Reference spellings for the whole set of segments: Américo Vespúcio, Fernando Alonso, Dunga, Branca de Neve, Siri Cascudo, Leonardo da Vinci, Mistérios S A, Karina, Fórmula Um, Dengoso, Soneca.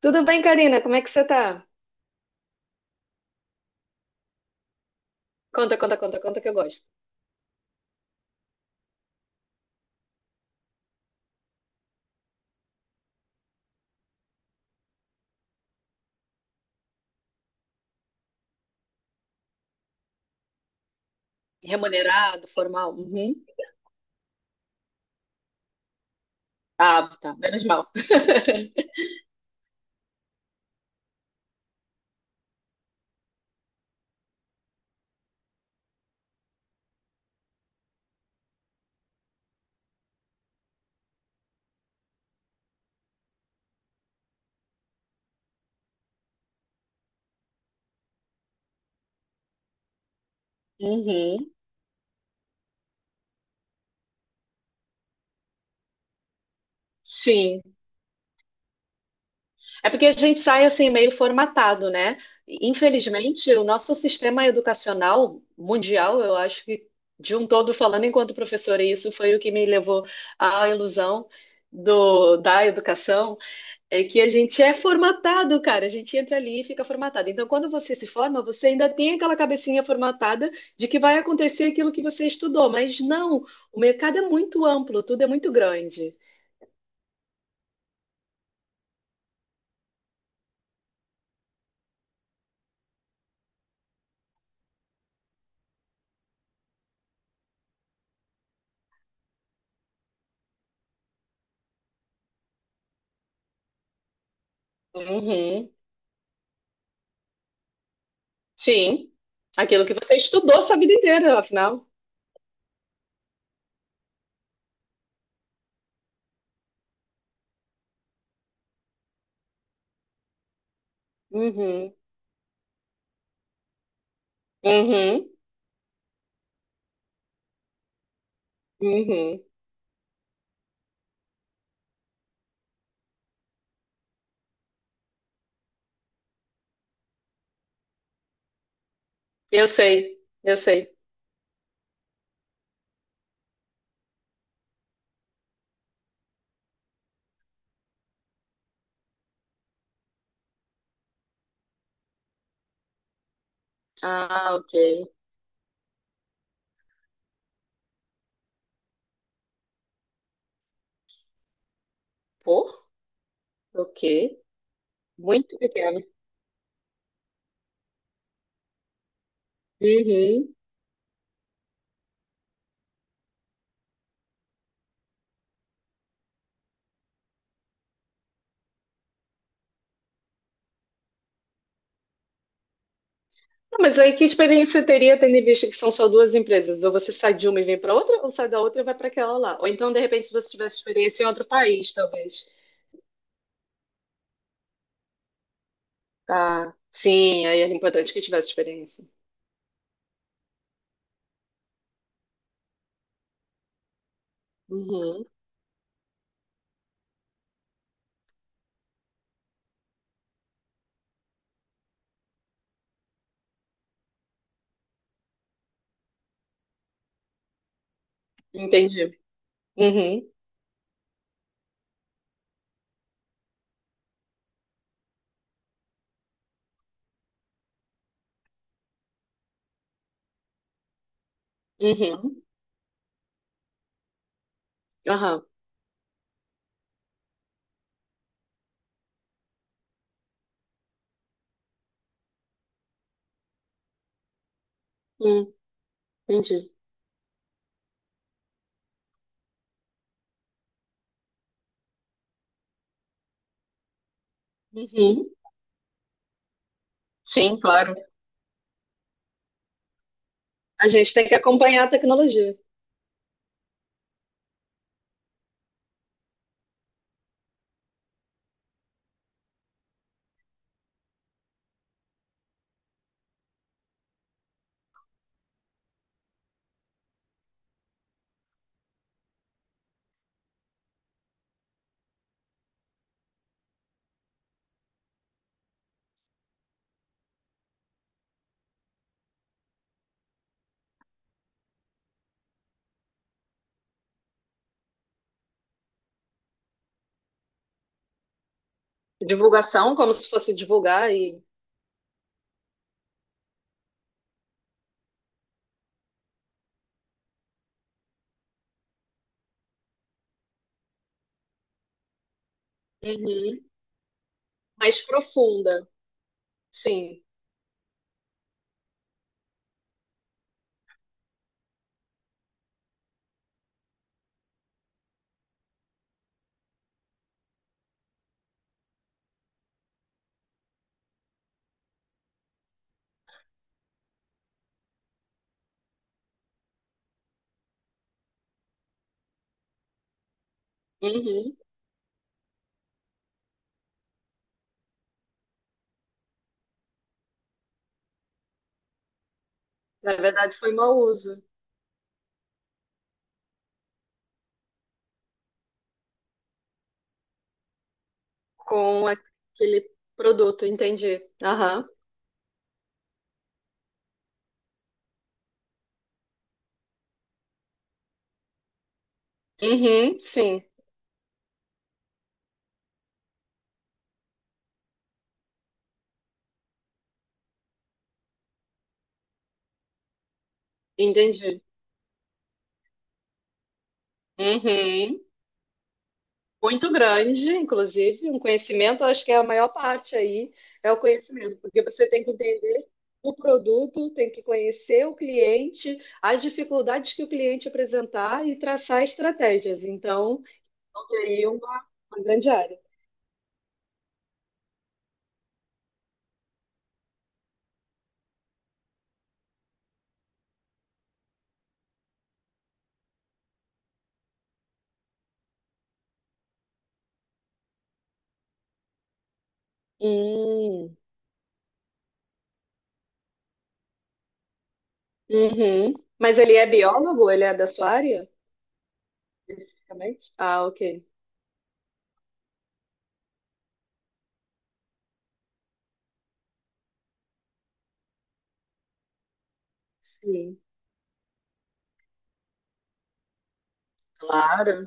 Tudo bem, Karina? Como é que você tá? Conta, conta, conta, conta que eu gosto. Remunerado, formal? Uhum. Ah, tá. Menos mal. Uhum. Sim. É porque a gente sai assim meio formatado, né? Infelizmente, o nosso sistema educacional mundial, eu acho que de um todo falando enquanto professora, e isso foi o que me levou à ilusão do, da educação. É que a gente é formatado, cara. A gente entra ali e fica formatado. Então, quando você se forma, você ainda tem aquela cabecinha formatada de que vai acontecer aquilo que você estudou. Mas não, o mercado é muito amplo, tudo é muito grande. Uhum. Sim. Aquilo que você estudou sua vida inteira, afinal. Uhum. Uhum. Uhum. Eu sei, eu sei. Ah, ok. Pô, ok. Muito pequeno. Uhum. Mas aí que experiência teria tendo em vista que são só duas empresas? Ou você sai de uma e vem para outra, ou sai da outra e vai para aquela lá. Ou então, de repente, se você tivesse experiência em outro país, talvez. Tá. Sim, aí era importante que tivesse experiência. Uhum. Entendi. Uhum. Uhum. Aham. Hum, entendi. Uhum. Sim, claro. A gente tem que acompanhar a tecnologia. Divulgação, como se fosse divulgar e uhum. Mais profunda. Sim. Uhum. Na verdade, foi mau uso. Com aquele produto, entendi. Aham. Uhum, sim, entendi. Uhum. Muito grande, inclusive, um conhecimento, acho que é a maior parte aí, é o conhecimento, porque você tem que entender o produto, tem que conhecer o cliente, as dificuldades que o cliente apresentar e traçar estratégias. Então, tem aí uma grande área. Hum, uhum. Mas ele é biólogo? Ele é da sua área, especificamente? Ah, ok. Sim. Claro.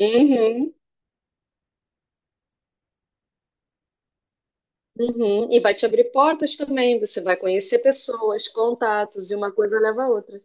Uhum, uhum. E vai te abrir portas também. Você vai conhecer pessoas, contatos, e uma coisa leva a outra.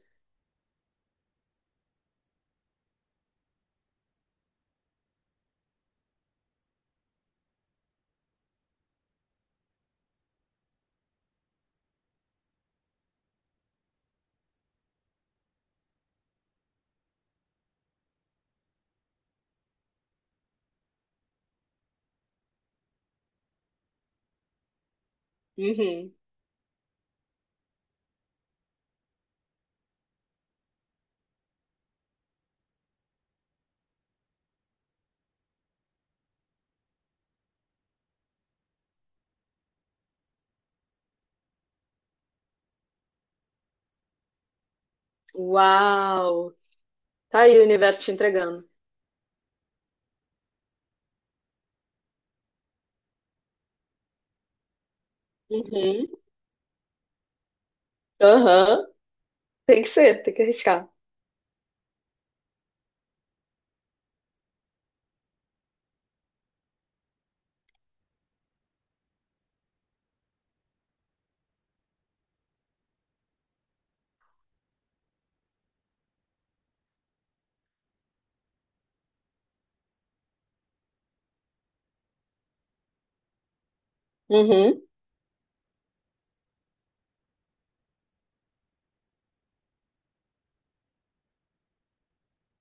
Uhum. Uau! Tá aí o universo te entregando. Uhum. Aham. Tem que ser, tem que arriscar. Uhum.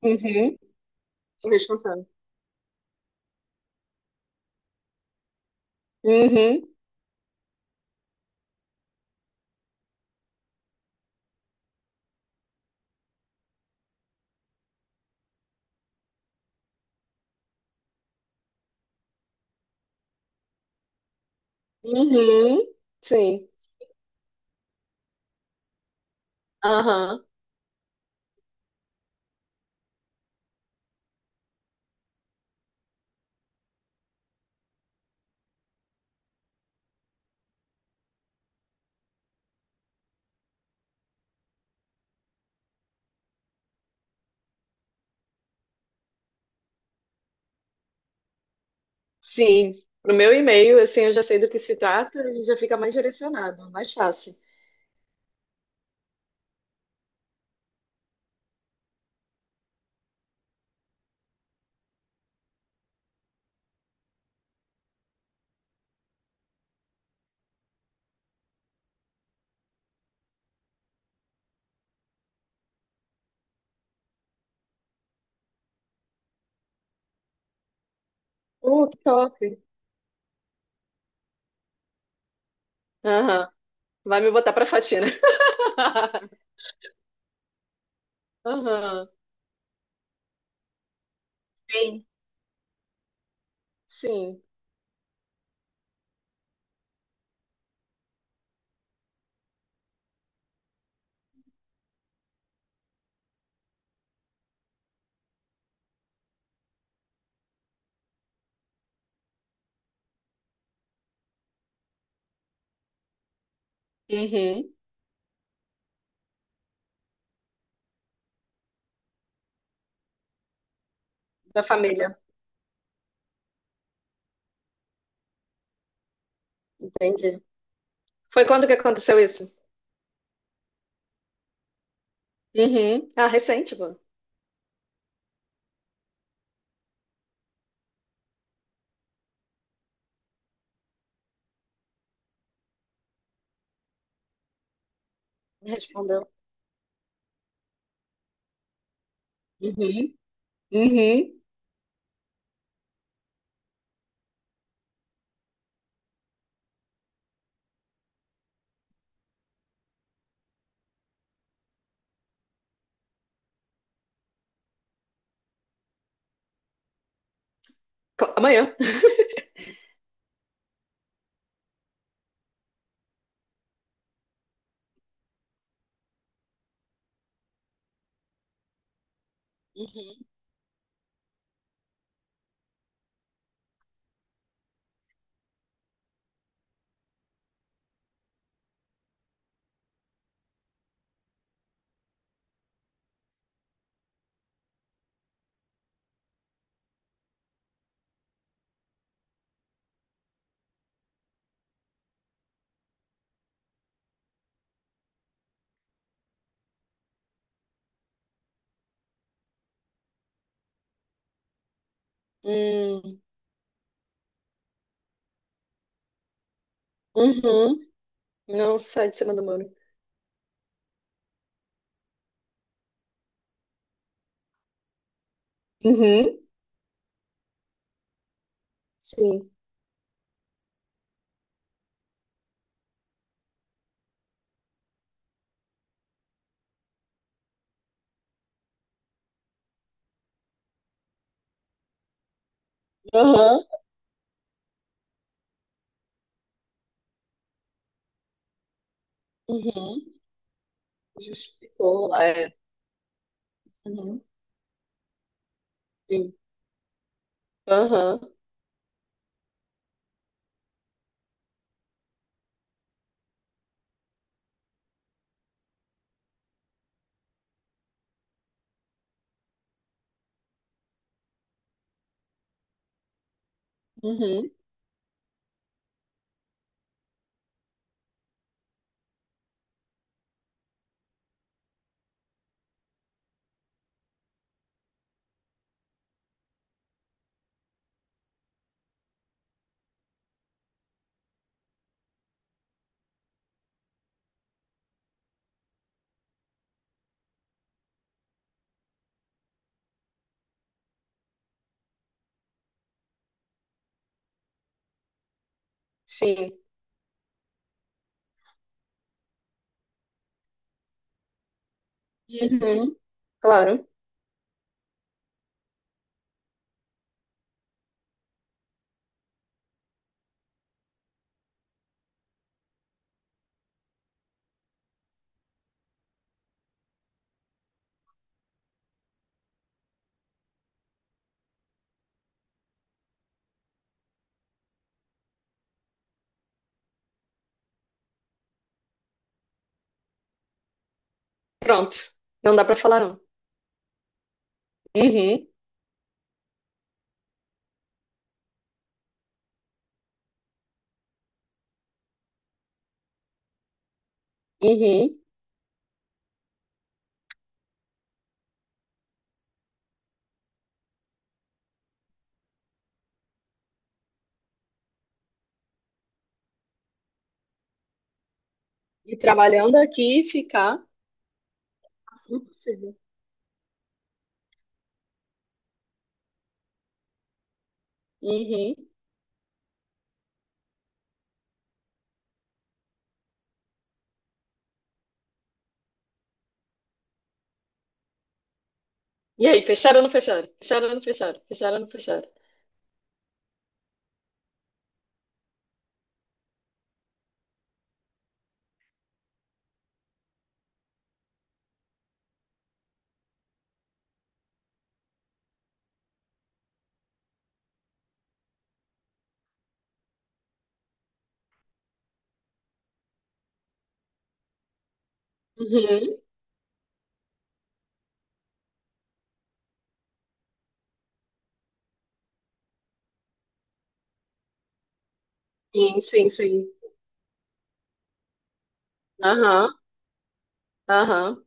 Uhum. Tô responsável. Uhum. Uhum. Sim. Aham. Sim. Pro meu e-mail, assim, eu já sei do que se trata e já fica mais direcionado, mais fácil. Que top. Aham. Vai me botar pra faxina. Aham. Bem, sim. Uhum. Da família. Entendi. Foi quando que aconteceu isso? Uhum. Ah, recente, pô. Me respondeu. Uhum. Uhum. Co- amanhã. Hum. Uhum. Não sai de cima do muro. Uhum. Sim. Aham. Uhum. Justificou. É. Uhum. Sim. Aham. Uhum. Sim. Uhum. Claro. Pronto. Não dá pra falar não. Uhum. Uhum. E trabalhando aqui, ficar assim possível. Uhum. E aí, fecharam ou não fecharam? Fecharam ou não fecharam? Fecharam ou não fecharam? Uhum. Sim, sim, sim. Aham, aham.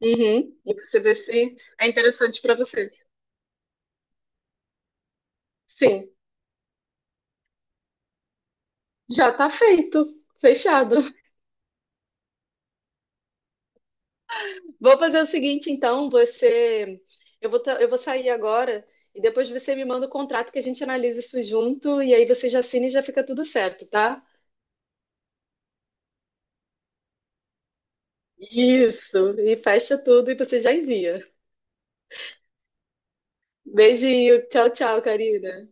Uhum. E você vê se é interessante para você. Sim, já tá feito, fechado. Vou fazer o seguinte, então, você. Eu vou sair agora e depois você me manda o contrato que a gente analisa isso junto e aí você já assina e já fica tudo certo, tá? Isso, e fecha tudo e você já envia. Beijinho, tchau, tchau, Karina.